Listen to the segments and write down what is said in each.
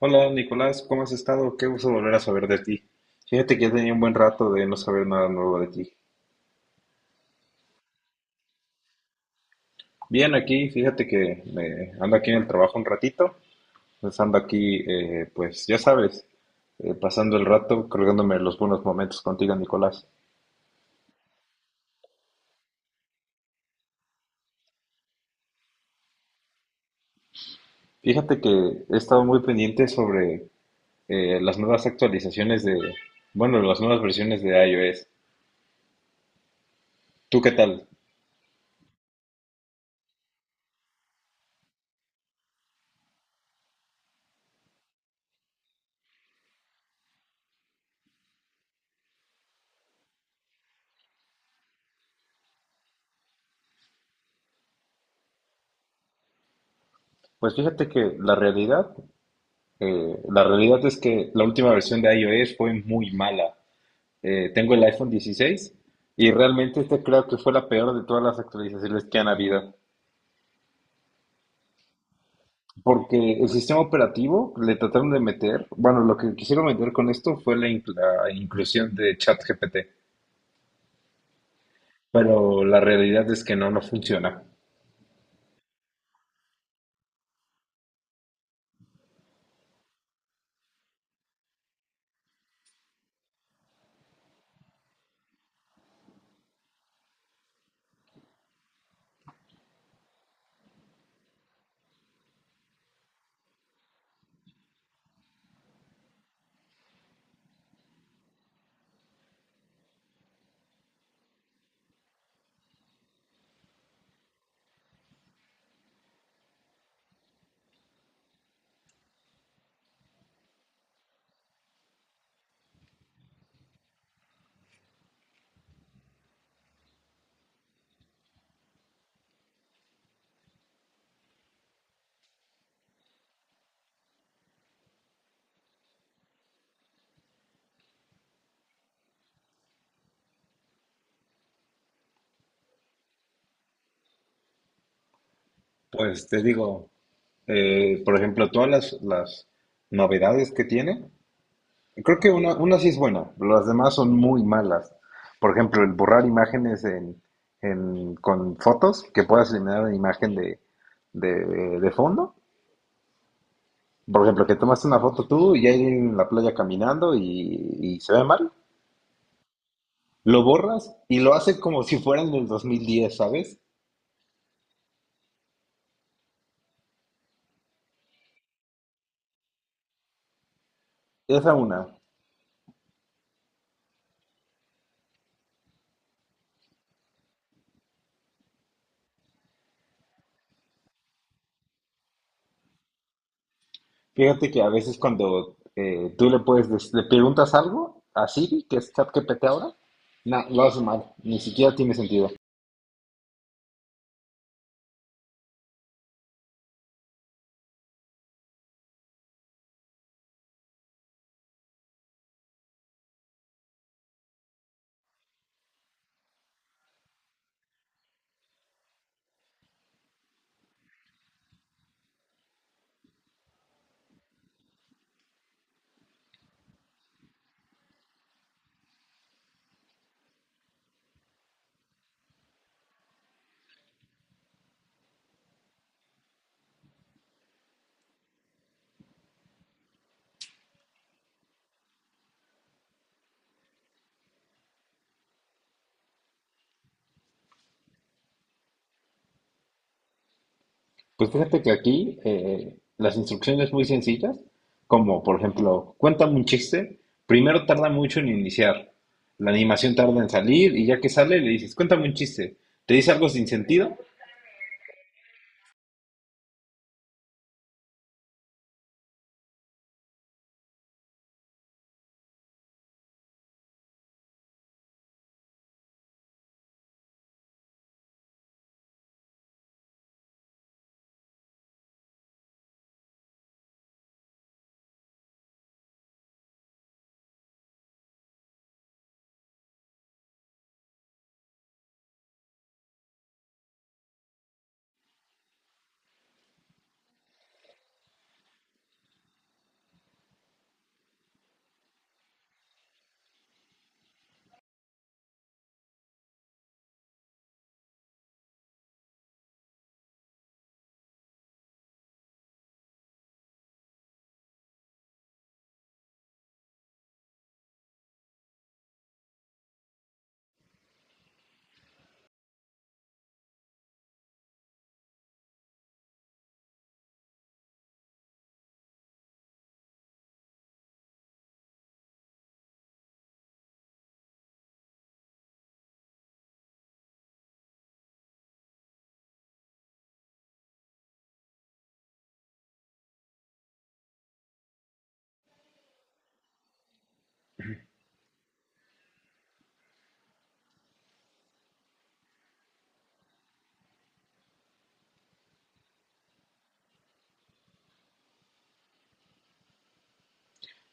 Hola Nicolás, ¿cómo has estado? Qué gusto volver a saber de ti. Fíjate que ya tenía un buen rato de no saber nada nuevo de ti. Bien, aquí, fíjate que ando aquí en el trabajo un ratito, pues ando aquí, pues ya sabes, pasando el rato, colgándome los buenos momentos contigo, Nicolás. Fíjate que he estado muy pendiente sobre las nuevas actualizaciones de, bueno, las nuevas versiones de iOS. ¿Tú qué tal? Pues fíjate que la realidad es que la última versión de iOS fue muy mala. Tengo el iPhone 16 y realmente este creo que fue la peor de todas las actualizaciones que han habido, porque el sistema operativo le trataron de meter, bueno, lo que quisieron meter con esto fue la, la inclusión de ChatGPT, pero la realidad es que no, no funciona. Pues te digo, por ejemplo, las novedades que tiene. Creo que una sí es buena, las demás son muy malas. Por ejemplo, el borrar imágenes en, con fotos, que puedas eliminar una imagen de, de fondo. Por ejemplo, que tomaste una foto tú y hay alguien en la playa caminando y se ve mal. Lo borras y lo hace como si fuera en el 2010, ¿sabes? Esa una. Fíjate que a veces cuando tú le puedes, le preguntas algo a Siri, que es ChatGPT ahora, no, lo hace mal, ni siquiera tiene sentido. Pues fíjate que aquí las instrucciones muy sencillas, como por ejemplo, cuéntame un chiste, primero tarda mucho en iniciar, la animación tarda en salir y ya que sale le dices, cuéntame un chiste, te dice algo sin sentido.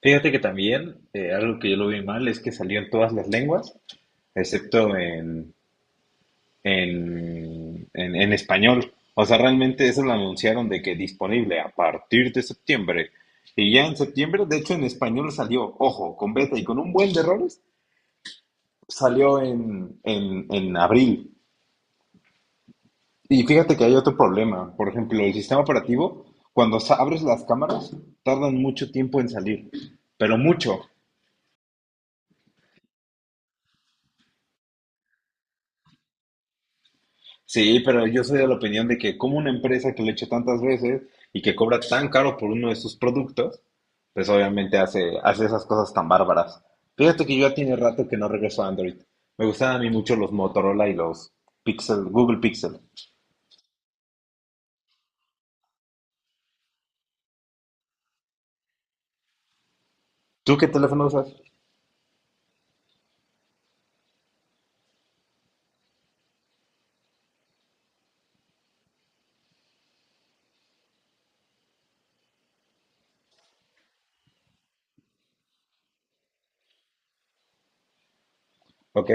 Fíjate que también algo que yo lo vi mal es que salió en todas las lenguas, excepto en, en español. O sea, realmente eso lo anunciaron de que disponible a partir de septiembre. Y ya en septiembre, de hecho en español salió, ojo, con beta y con un buen de errores salió en, en abril. Y fíjate que hay otro problema. Por ejemplo, el sistema operativo, cuando abres las cámaras, tardan mucho tiempo en salir. Pero mucho. Sí, pero yo soy de la opinión de que como una empresa que lo he hecho tantas veces y que cobra tan caro por uno de sus productos, pues obviamente hace, hace esas cosas tan bárbaras. Fíjate que yo ya tiene rato que no regreso a Android. Me gustan a mí mucho los Motorola y los Pixel, Google Pixel. ¿Tú qué teléfono usas? ¿Ok?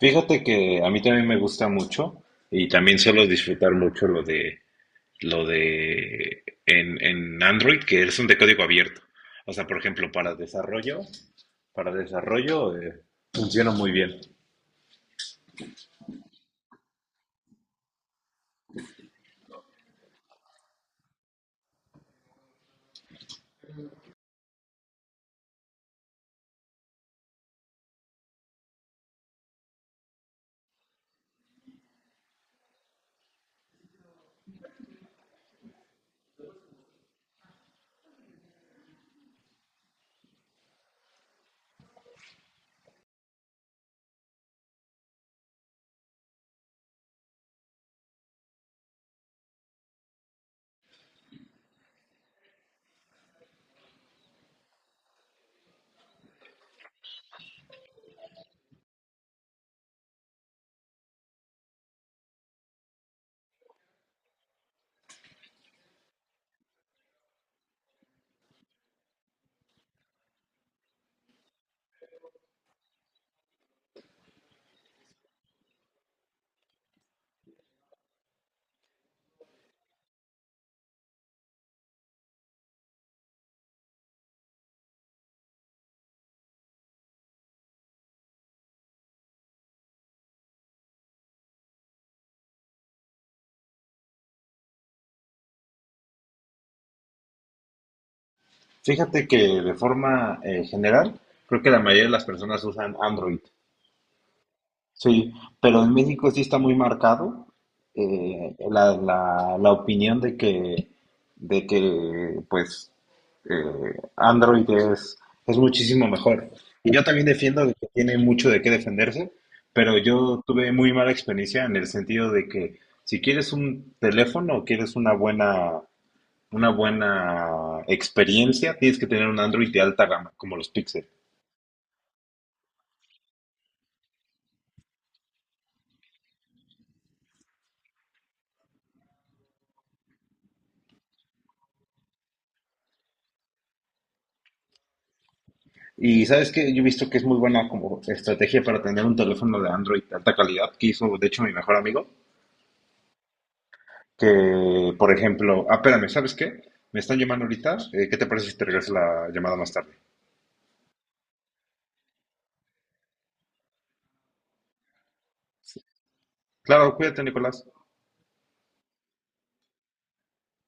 Fíjate que a mí también me gusta mucho y también suelo disfrutar mucho lo de en Android que es un de código abierto. O sea, por ejemplo, para desarrollo funciona muy bien. Fíjate que de forma general, creo que la mayoría de las personas usan Android. Sí, pero en México sí está muy marcado la opinión de que pues, Android es muchísimo mejor. Y yo también defiendo de que tiene mucho de qué defenderse, pero yo tuve muy mala experiencia en el sentido de que si quieres un teléfono o quieres una buena experiencia, tienes que tener un Android de alta gama, como los Pixel. Y sabes que yo he visto que es muy buena como estrategia para tener un teléfono de Android de alta calidad, que hizo de hecho mi mejor amigo, que por ejemplo, ah, espérame, ¿sabes qué? Me están llamando ahorita, ¿qué te parece si te regreso la llamada más tarde? Claro, cuídate, Nicolás.